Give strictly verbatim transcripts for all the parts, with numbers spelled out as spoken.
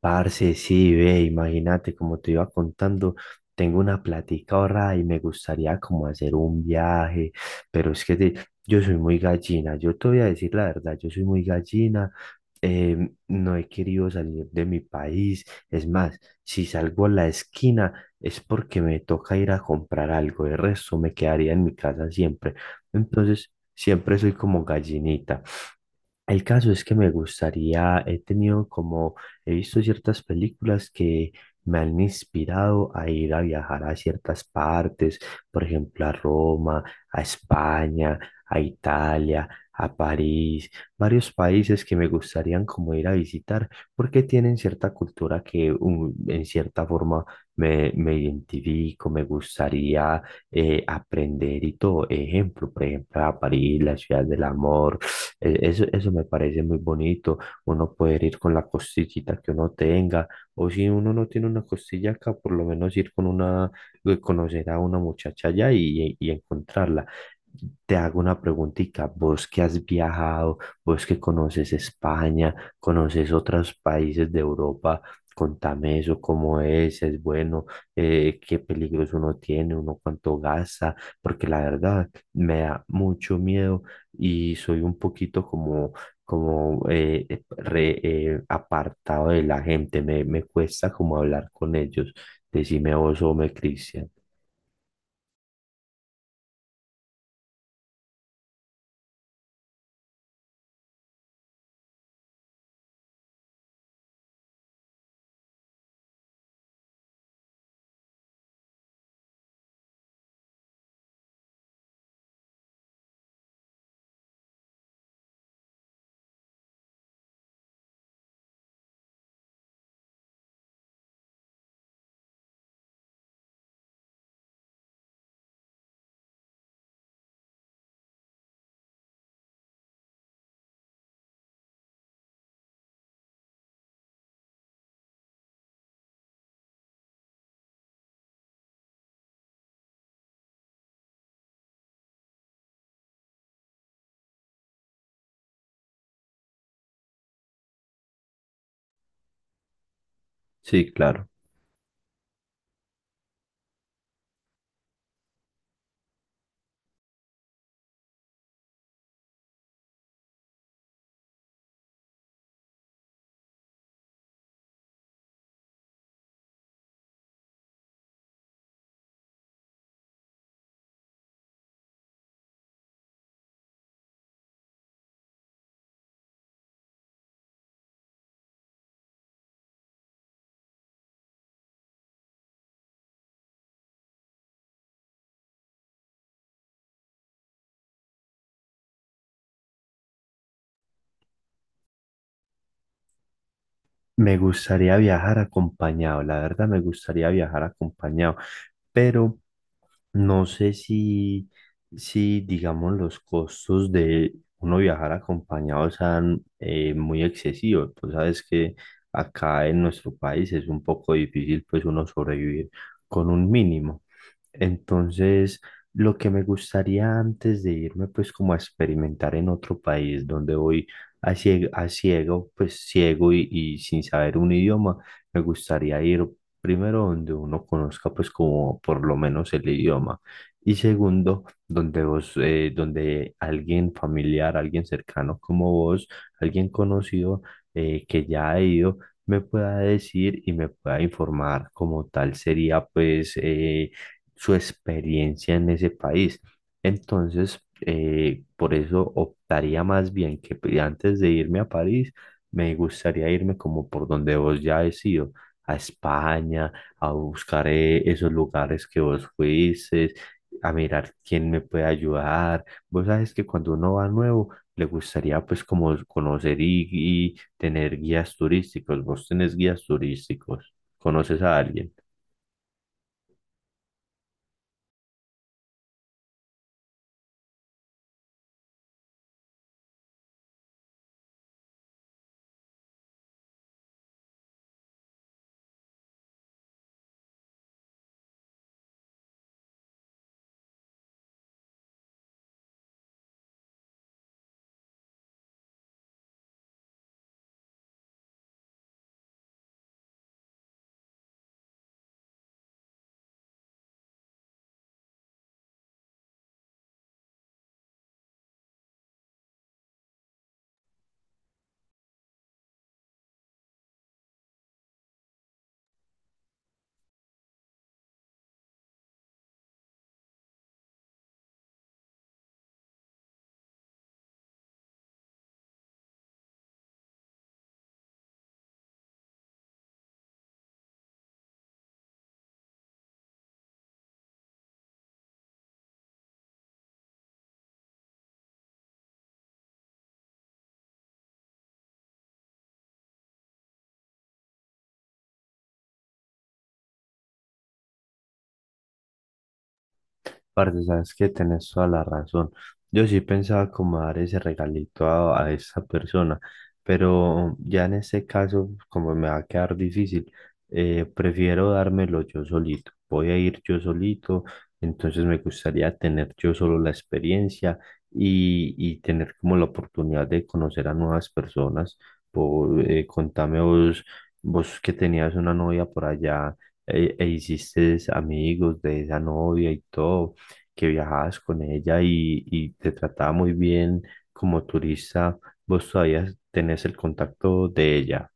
Parce, sí, ve, imagínate, como te iba contando, tengo una platica ahorrada y me gustaría como hacer un viaje, pero es que te- yo soy muy gallina, yo te voy a decir la verdad, yo soy muy gallina, em, no he querido salir de mi país, es más, si salgo a la esquina es porque me toca ir a comprar algo, el resto me quedaría en mi casa siempre, entonces siempre soy como gallinita. El caso es que me gustaría, he tenido como, he visto ciertas películas que me han inspirado a ir a viajar a ciertas partes, por ejemplo, a Roma, a España, a Italia, a París, varios países que me gustarían como ir a visitar porque tienen cierta cultura que um, en cierta forma me, me identifico, me gustaría eh, aprender y todo. Ejemplo, por ejemplo, a París, la ciudad del amor. Eh, Eso, eso me parece muy bonito, uno poder ir con la costillita que uno tenga, o si uno no tiene una costilla acá, por lo menos ir con una, eh, conocer a una muchacha allá y, y encontrarla. Te hago una preguntita, vos que has viajado, vos que conoces España, conoces otros países de Europa, contame eso, cómo es, es bueno, eh, qué peligros uno tiene, uno cuánto gasta, porque la verdad me da mucho miedo y soy un poquito como, como eh, eh, re- eh, apartado de la gente, me, me cuesta como hablar con ellos. Decime vos o me Cristian. Sí, claro. Me gustaría viajar acompañado, la verdad me gustaría viajar acompañado, pero no sé si, si digamos, los costos de uno viajar acompañado sean eh, muy excesivos. Tú sabes que acá en nuestro país es un poco difícil, pues, uno sobrevivir con un mínimo. Entonces, lo que me gustaría antes de irme, pues, como a experimentar en otro país donde voy a ciego, a ciego, pues, ciego y, y sin saber un idioma, me gustaría ir. Primero, donde uno conozca pues como por lo menos el idioma. Y segundo, donde vos, eh, donde alguien familiar, alguien cercano como vos, alguien conocido eh, que ya ha ido, me pueda decir y me pueda informar como tal sería pues eh, su experiencia en ese país. Entonces, eh, por eso optaría más bien que pues, antes de irme a París, me gustaría irme como por donde vos ya has ido a España, a buscar eh, esos lugares que vos fuiste, a mirar quién me puede ayudar. Vos sabes que cuando uno va nuevo, le gustaría pues como conocer y, y tener guías turísticos. Vos tenés guías turísticos, conoces a alguien. Parce, sabes que tenés toda la razón. Yo sí pensaba como dar ese regalito a, a esa persona, pero ya en este caso, como me va a quedar difícil, eh, prefiero dármelo yo solito. Voy a ir yo solito, entonces me gustaría tener yo solo la experiencia y, y tener como la oportunidad de conocer a nuevas personas. Por, eh, contame vos, vos que tenías una novia por allá eh, e hiciste amigos de esa novia y todo que viajabas con ella y, y te trataba muy bien como turista, vos todavía tenés el contacto de ella.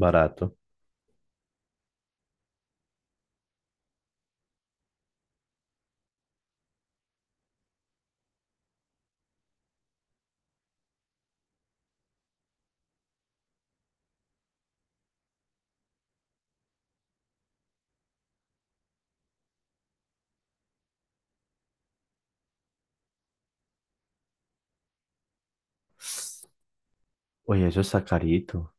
Barato. Oye, eso está carito.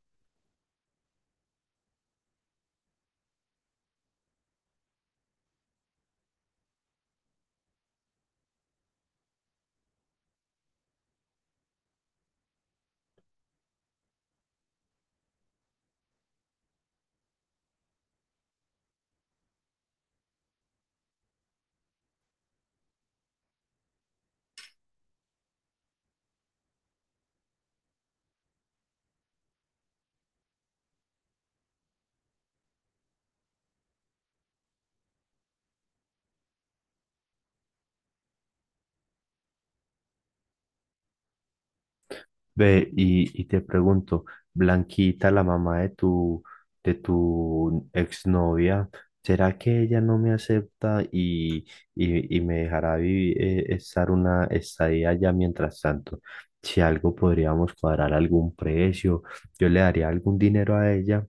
Ve, y, y te pregunto, Blanquita, la mamá de tu, de tu exnovia, ¿será que ella no me acepta y, y, y me dejará vivir, eh, estar una estadía allá mientras tanto? Si algo podríamos cuadrar algún precio, yo le daría algún dinero a ella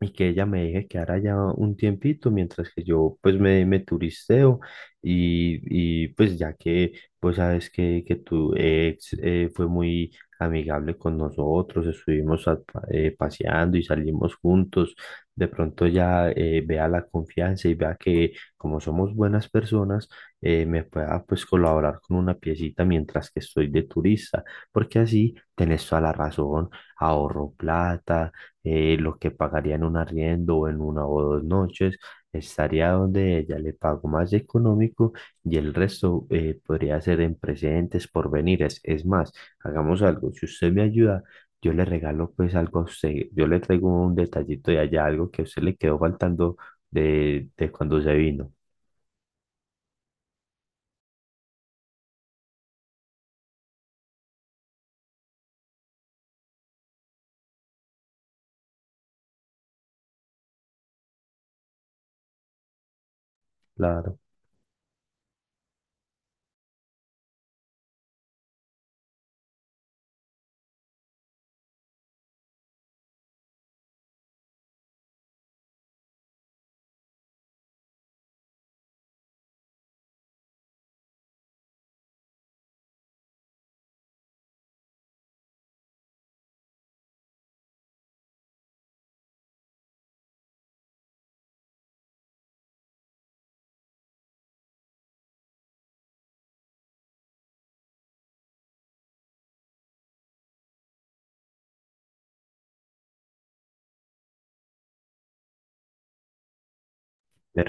y que ella me deje quedar allá un tiempito mientras que yo pues me, me turisteo y, y, pues ya que pues sabes que, que tu ex eh, fue muy amigable con nosotros, estuvimos a- pa- eh, paseando y salimos juntos, de pronto ya eh, vea la confianza y vea que como somos buenas personas eh, me pueda pues colaborar con una piecita mientras que estoy de turista, porque así tenés toda la razón, ahorro plata eh, lo que pagaría en un arriendo o en una o dos noches, estaría donde ella le pago más económico y el resto eh, podría ser en presentes, porvenires. Es más, hagamos algo, si usted me ayuda, yo le regalo pues algo a usted, yo le traigo un detallito de allá, algo que a usted le quedó faltando de, de cuando se vino. Claro, me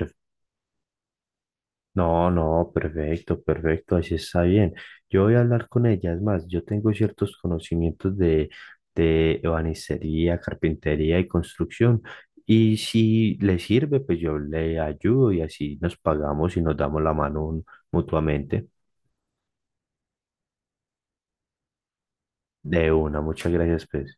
no, no, perfecto, perfecto, así está bien. Yo voy a hablar con ella, es más, yo tengo ciertos conocimientos de, de ebanistería, carpintería y construcción, y si le sirve, pues yo le ayudo y así nos pagamos y nos damos la mano un- mutuamente. De una, muchas gracias, pues.